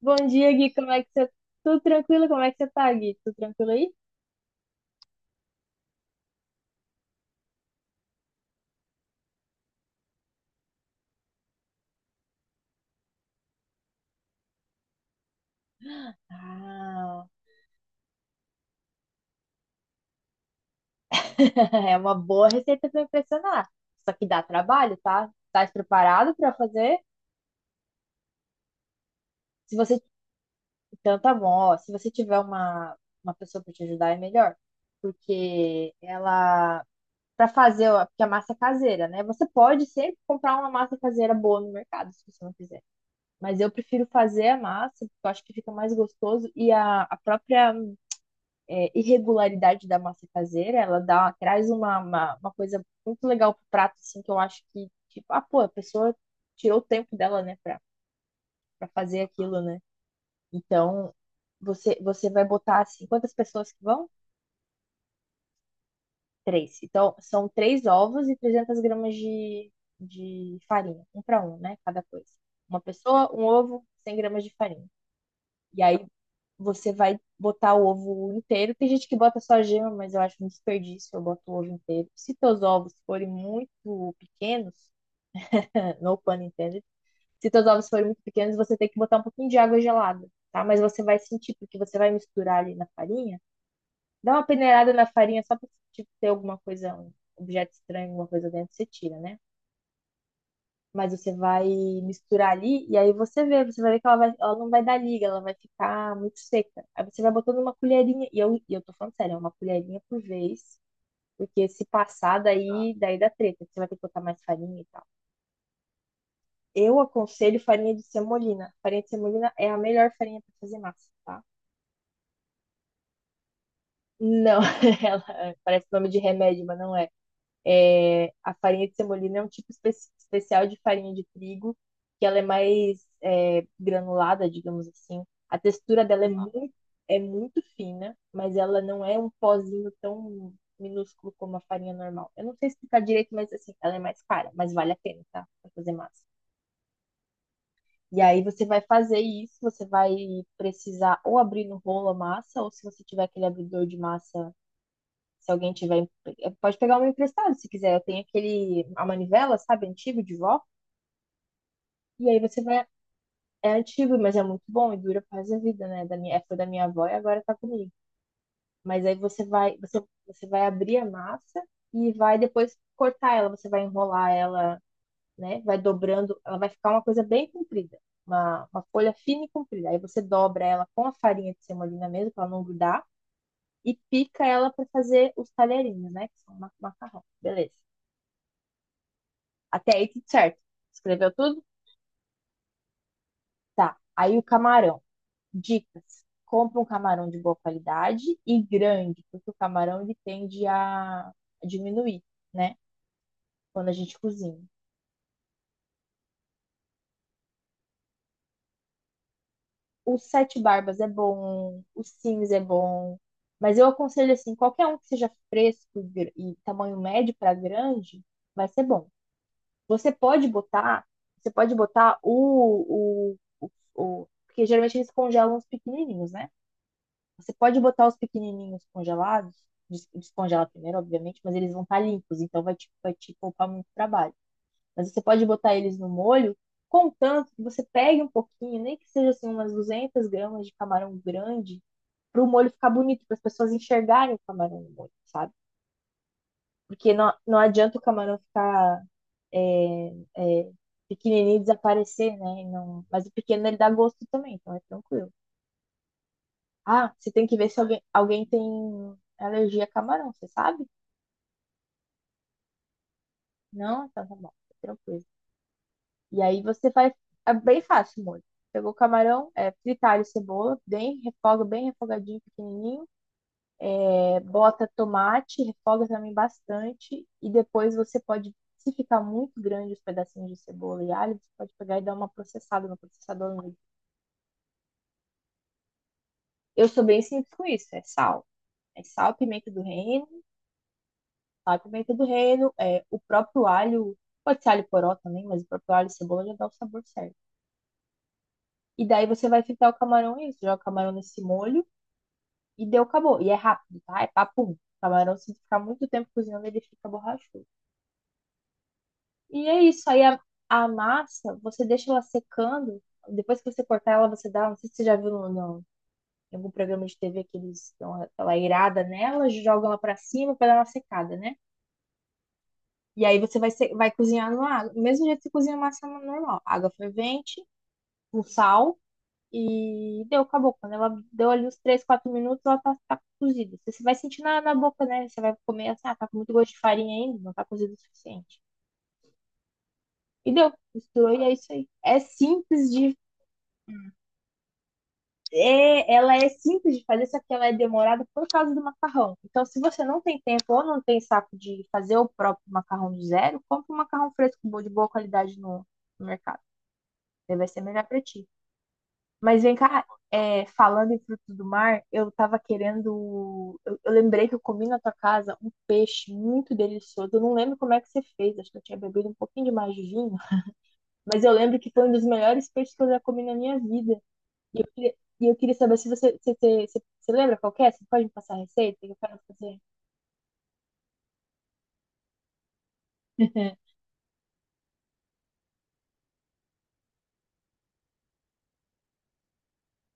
Bom dia, Gui. Como é que você... Tudo tranquilo? Como é que você tá, Gui? Tudo tranquilo aí? Ah, é uma boa receita para impressionar. Só que dá trabalho, tá? Tá preparado para fazer? Se você, então tá bom, ó, se você tiver uma pessoa para te ajudar é melhor, porque ela para fazer, ó, porque a massa é caseira, né? Você pode sempre comprar uma massa caseira boa no mercado, se você não quiser. Mas eu prefiro fazer a massa, porque eu acho que fica mais gostoso e a própria irregularidade da massa caseira, ela dá, traz uma coisa muito legal pro prato, assim, que eu acho que, tipo, ah, pô, a pessoa tirou o tempo dela, né, pra, pra fazer aquilo, né? Então, você vai botar, assim, quantas pessoas que vão? Três. Então, são três ovos e 300 gramas de farinha, um para um, né, cada coisa. Uma pessoa, um ovo, 100 gramas de farinha. E aí você vai botar o ovo inteiro. Tem gente que bota só gema, mas eu acho um desperdício. Eu boto o ovo inteiro. Se teus ovos forem muito pequenos, no pun intended, se teus ovos forem muito pequenos, você tem que botar um pouquinho de água gelada, tá? Mas você vai sentir, porque você vai misturar ali na farinha. Dá uma peneirada na farinha só pra tipo, ter alguma coisa, um objeto estranho, alguma coisa dentro, você tira, né? Mas você vai misturar ali e aí você vê, você vai ver que ela, vai, ela não vai dar liga, ela vai ficar muito seca. Aí você vai botando uma colherinha, e eu tô falando sério, é uma colherinha por vez, porque se passar daí, daí dá treta, você vai ter que botar mais farinha e tal. Eu aconselho farinha de semolina. Farinha de semolina é a melhor farinha para fazer massa, tá? Não, ela parece nome de remédio, mas não é. É, a farinha de semolina é um tipo especial de farinha de trigo, que ela é mais granulada, digamos assim. A textura dela é é muito fina, mas ela não é um pozinho tão minúsculo como a farinha normal. Eu não sei explicar direito, mas assim, ela é mais cara, mas vale a pena, tá? Pra fazer massa. E aí você vai fazer isso, você vai precisar ou abrir no rolo a massa, ou se você tiver aquele abridor de massa se alguém tiver. Pode pegar uma emprestado se quiser. Eu tenho aquele. A manivela, sabe? Antigo de vó. E aí você vai. É antigo, mas é muito bom e dura pra a vida, né? Da minha, é, foi da minha avó e agora tá comigo. Mas aí você vai, você vai abrir a massa e vai depois cortar ela. Você vai enrolar ela, né? Vai dobrando. Ela vai ficar uma coisa bem comprida. Uma folha fina e comprida. Aí você dobra ela com a farinha de semolina mesmo, pra ela não grudar e pica ela para fazer os talherinhos, né? Que são macarrão. Beleza. Até aí tudo certo. Escreveu tudo? Tá. Aí o camarão. Dicas. Compra um camarão de boa qualidade e grande, porque o camarão ele tende a diminuir, né? Quando a gente cozinha. O sete barbas é bom, o Sims é bom, mas eu aconselho assim, qualquer um que seja fresco e e tamanho médio para grande, vai ser bom. Você pode botar, você pode botar o, porque geralmente eles congelam os pequenininhos, né? Você pode botar os pequenininhos congelados, descongela primeiro, obviamente, mas eles vão estar limpos, então vai vai te poupar muito trabalho. Mas você pode botar eles no molho, contanto que você pegue um pouquinho, nem que seja assim umas 200 gramas de camarão grande, para o molho ficar bonito, para as pessoas enxergarem o camarão no molho, sabe? Porque não adianta o camarão ficar é, é, pequenininho e desaparecer, né? E mas o pequeno ele dá gosto também, então é tranquilo. Ah, você tem que ver se alguém tem alergia a camarão, você sabe? Não? Então tá bom, tá tranquilo. E aí você faz. É bem fácil, o molho. Pegou o camarão, é, fritar e cebola, bem, refoga, bem refogadinho, pequenininho. É, bota tomate, refoga também bastante. E depois você pode, se ficar muito grande os pedacinhos de cebola e alho, você pode pegar e dar uma processada no processador. Mesmo. Eu sou bem simples com isso, é sal. É sal, pimenta do reino, a pimenta do reino, é, o próprio alho, pode ser alho poró também, mas o próprio alho e cebola já dá o sabor certo. E daí você vai fritar o camarão e isso, joga o camarão nesse molho e deu, acabou. E é rápido, tá? É papum. O camarão, se ficar muito tempo cozinhando, ele fica borrachudo. E é isso. Aí a massa, você deixa ela secando. Depois que você cortar ela, você dá. Não sei se você já viu em algum programa de TV que eles dão aquela irada nela, jogam ela pra cima pra dar uma secada, né? E aí você vai, vai cozinhar numa água. Do mesmo jeito que você cozinha massa normal. Água fervente, com sal e deu, acabou. Quando ela deu ali uns 3 4 minutos, ela tá, tá cozida. Você vai sentir na boca, né? Você vai comer assim, ah, tá com muito gosto de farinha ainda, não tá cozido o suficiente. E deu, misturou e é isso aí. É simples de. É, ela é simples de fazer, só que ela é demorada por causa do macarrão. Então, se você não tem tempo ou não tem saco de fazer o próprio macarrão do zero, compre um macarrão fresco bom, de boa qualidade no mercado. Daí vai ser melhor pra ti. Mas vem cá, é, falando em frutos do mar, eu tava querendo. Eu lembrei que eu comi na tua casa um peixe muito delicioso. Eu não lembro como é que você fez, acho que eu tinha bebido um pouquinho demais de vinho, mas eu lembro que foi um dos melhores peixes que eu já comi na minha vida. E eu queria, e eu queria saber se você, você lembra qual que é? Você pode me passar a receita? Que eu quero fazer.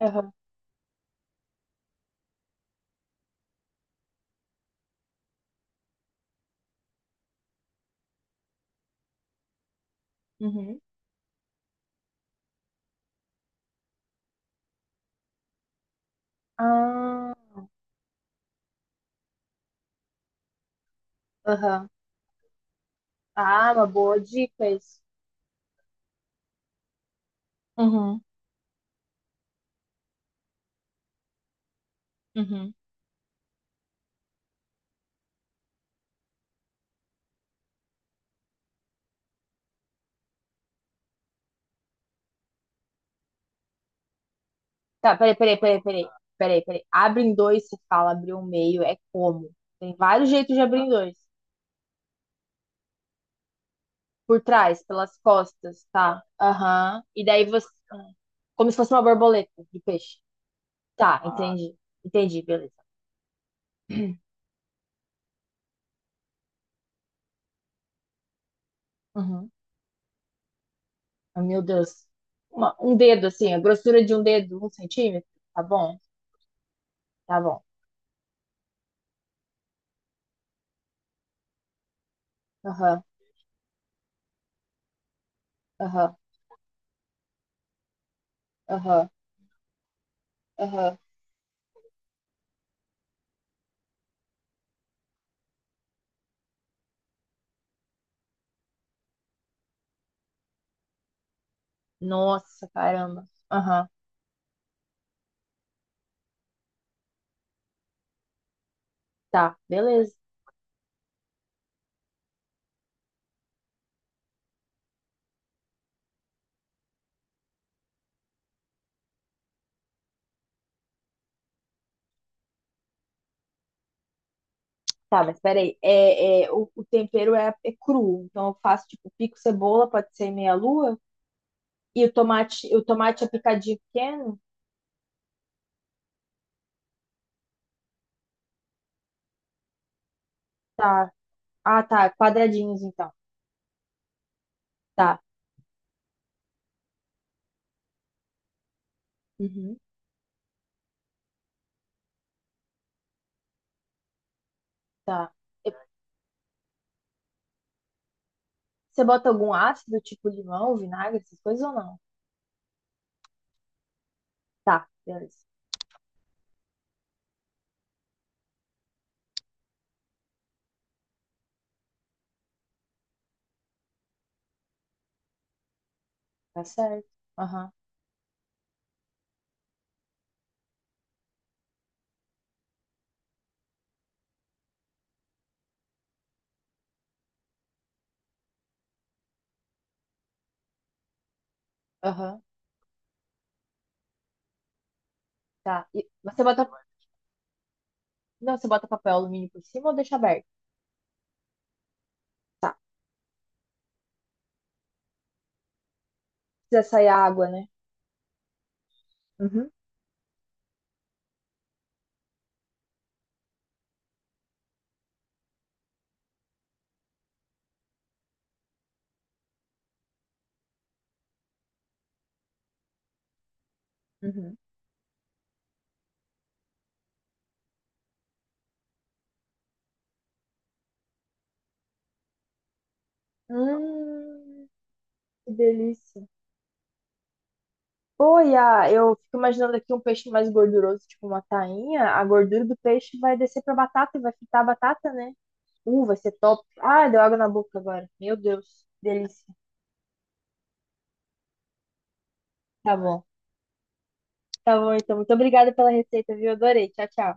Aham. Uhum. Ah, aham. Ah, uma boa dica isso. Uhum. Uhum. Tá, peraí, peraí. Abre em dois, se fala abrir um meio, é como? Tem vários jeitos de abrir em dois. Por trás, pelas costas, tá? Aham. E daí você. Como se fosse uma borboleta de peixe. Tá, ah, entendi. Entendi, beleza. Uhum. Ah, Meu Deus. Uma- um dedo, assim, a grossura de um dedo, um centímetro. Tá bom, tá bom. Aham, aham, aham, aham. Nossa, caramba. Aham, tá, beleza. Tá, mas peraí, o tempero é cru, então eu faço tipo pico cebola, pode ser meia lua, e o tomate é picadinho pequeno? Tá. Ah, tá, quadradinhos então. Tá, uhum. Tá. E você bota algum ácido, tipo limão, vinagre, essas coisas ou não? Tá, beleza. Tá certo. Aham, aham, tá. E você não, você bota papel alumínio por cima ou deixa aberto? Tá. Precisa sair a água, né? Uhum. Uhum. Hum, que delícia. Oi, ah, eu fico imaginando aqui um peixe mais gorduroso, tipo uma tainha. A gordura do peixe vai descer pra batata e vai fritar a batata, né? Vai ser top. Ah, deu água na boca agora. Meu Deus, delícia. Tá bom. Tá bom, então. Muito obrigada pela receita, viu? Adorei. Tchau, tchau.